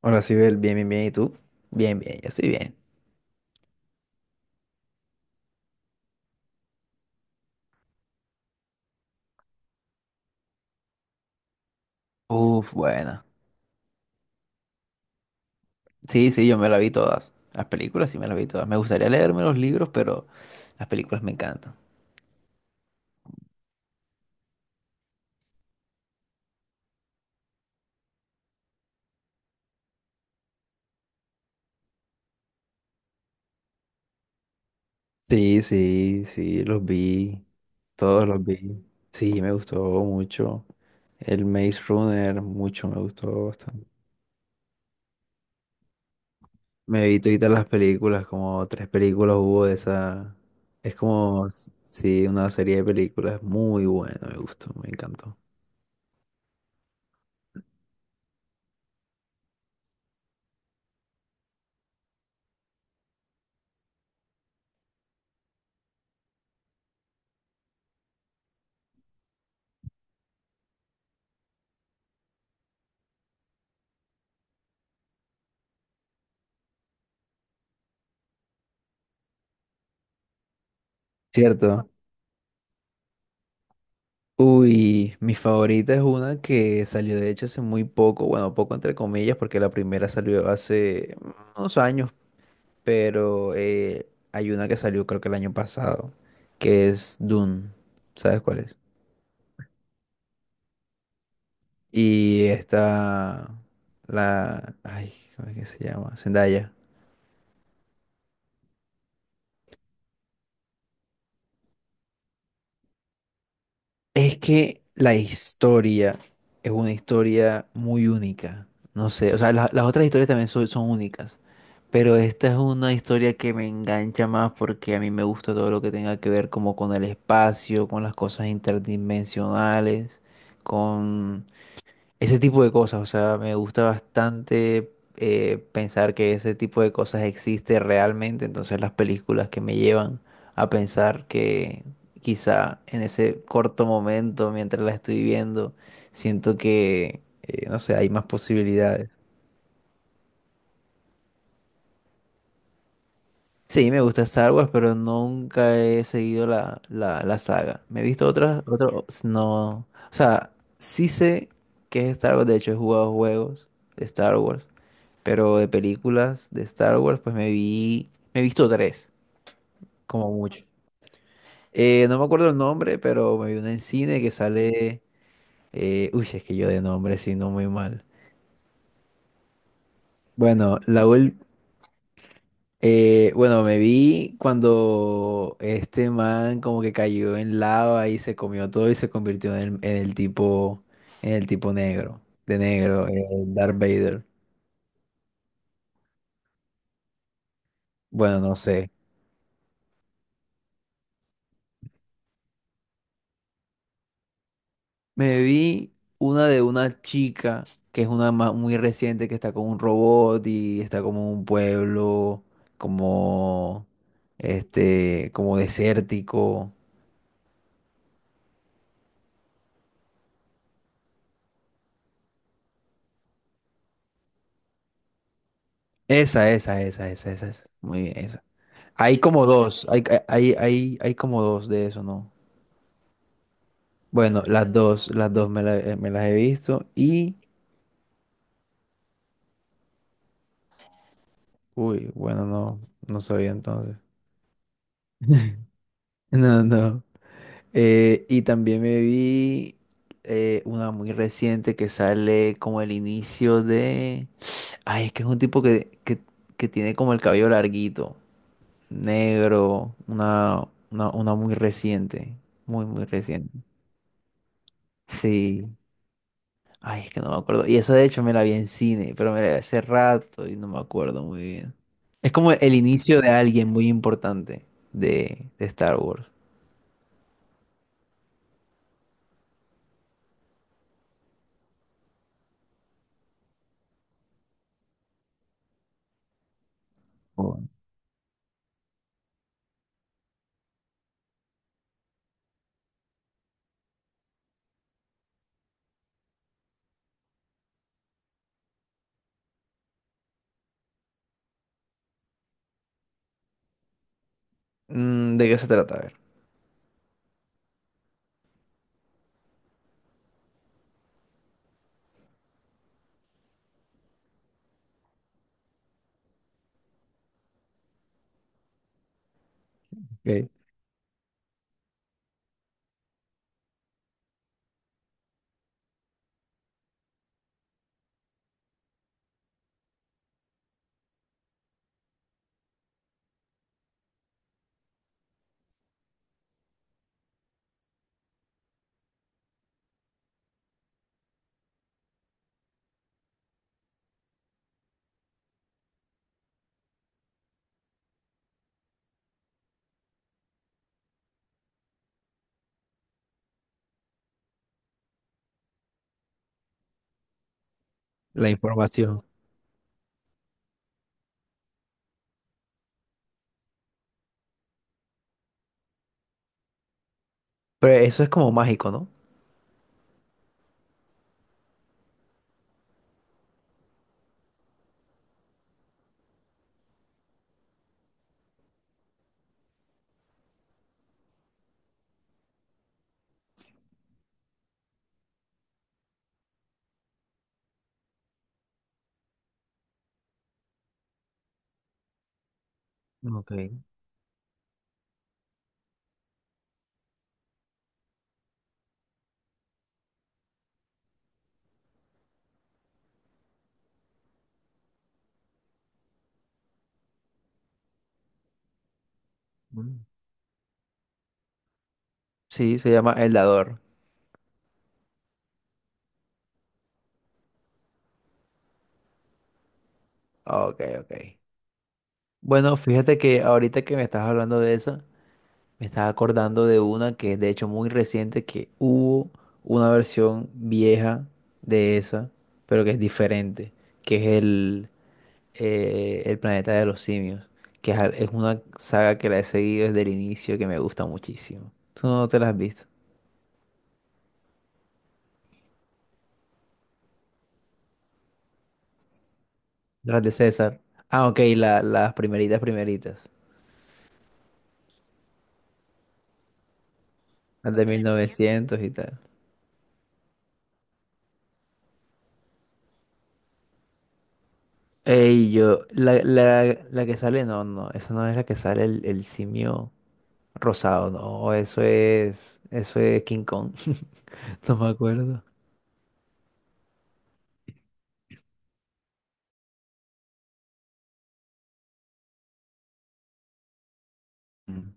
Hola, Sibel, bien. ¿Y tú? Yo estoy bien. Uf, buena. Sí, sí, yo me la vi todas. Las películas sí me las vi todas. Me gustaría leerme los libros, pero las películas me encantan. Sí, sí, sí, los vi. Todos los vi. Sí, me gustó mucho. El Maze Runner, mucho me gustó bastante. Me vi todas las películas, como tres películas hubo de esa. Es como, sí, una serie de películas muy buena, me gustó, me encantó. ¿Cierto? Uy, mi favorita es una que salió de hecho hace muy poco, bueno, poco entre comillas, porque la primera salió hace unos años, pero hay una que salió creo que el año pasado, que es Dune, ¿sabes cuál es? Y esta, la, ay, ¿cómo es que se llama? Zendaya. Es que la historia es una historia muy única, no sé, o sea, las otras historias también son únicas. Pero esta es una historia que me engancha más porque a mí me gusta todo lo que tenga que ver como con el espacio, con las cosas interdimensionales, con ese tipo de cosas. O sea, me gusta bastante pensar que ese tipo de cosas existe realmente. Entonces las películas que me llevan a pensar que quizá en ese corto momento, mientras la estoy viendo, siento que, no sé, hay más posibilidades. Sí, me gusta Star Wars, pero nunca he seguido la saga. Me he visto otras, otros, no. O sea, sí sé que es Star Wars, de hecho he jugado juegos de Star Wars, pero de películas de Star Wars, pues me vi, me he visto tres, como mucho. No me acuerdo el nombre, pero me vi una en cine que sale, uy, es que yo de nombre sí, no muy mal. Bueno, la, bueno, me vi cuando este man como que cayó en lava y se comió todo y se convirtió en el tipo negro, de negro, el Darth Vader. Bueno, no sé. Me vi una de una chica que es una muy reciente que está con un robot y está como en un pueblo, como este, como desértico. Esa. Muy bien, esa. Hay como dos, hay como dos de eso, ¿no? Bueno, las dos me, me las he visto y... Uy, bueno, no, no sabía entonces. No, no. Y también me vi una muy reciente que sale como el inicio de... Ay, es que es un tipo que tiene como el cabello larguito, negro, una muy reciente, muy reciente. Sí. Ay, es que no me acuerdo. Y esa de hecho me la vi en cine, pero me la vi hace rato y no me acuerdo muy bien. Es como el inicio de alguien muy importante de Star Wars. Oh. Mm, ¿de qué se trata? A ver. Ok. La información. Pero eso es como mágico, ¿no? Ok. Mm. Sí, se llama El Dador. Ok, ok. Bueno, fíjate que ahorita que me estás hablando de esa. Me estaba acordando de una que es de hecho muy reciente, que hubo una versión vieja de esa, pero que es diferente, que es el planeta de los simios, que es, es una saga que la he seguido desde el inicio que me gusta muchísimo. ¿Tú no te las has visto? ¿No? Las de César. Ah, ok, las primeritas, primeritas, las de ¿Cuál es 1900 y tal. Ey, yo, la que sale, no, no, esa no es la que sale el simio. Rosado, no, eso es King Kong. No me acuerdo. Mm.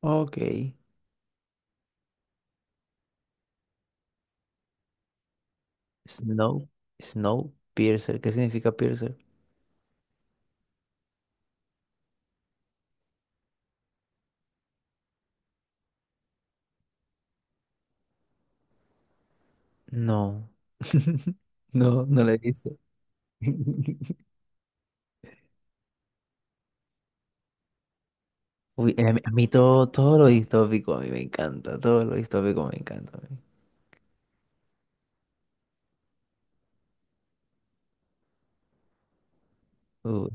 Ok. Snow, Snow, Piercer. ¿Qué significa Piercer? No. No, no le dice. Uy, a mí todo, todo lo distópico a mí me encanta, todo lo distópico me encanta a mí. Uy,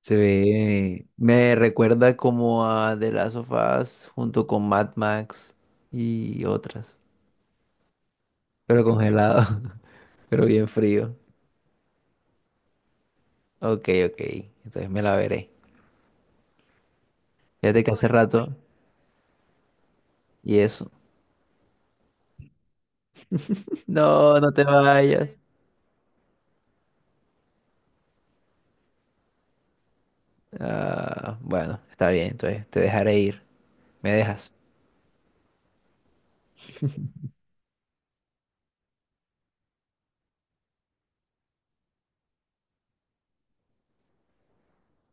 se ve, me recuerda como a The Last of Us junto con Mad Max y otras, pero congelado, pero bien frío. Ok, ok. Entonces me la veré. Fíjate que hace rato. Y eso. No, no te vayas. Ah, bueno, está bien. Entonces te dejaré ir. ¿Me dejas?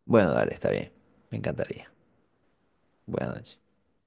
Bueno, dale, está bien. Me encantaría. Buenas noches.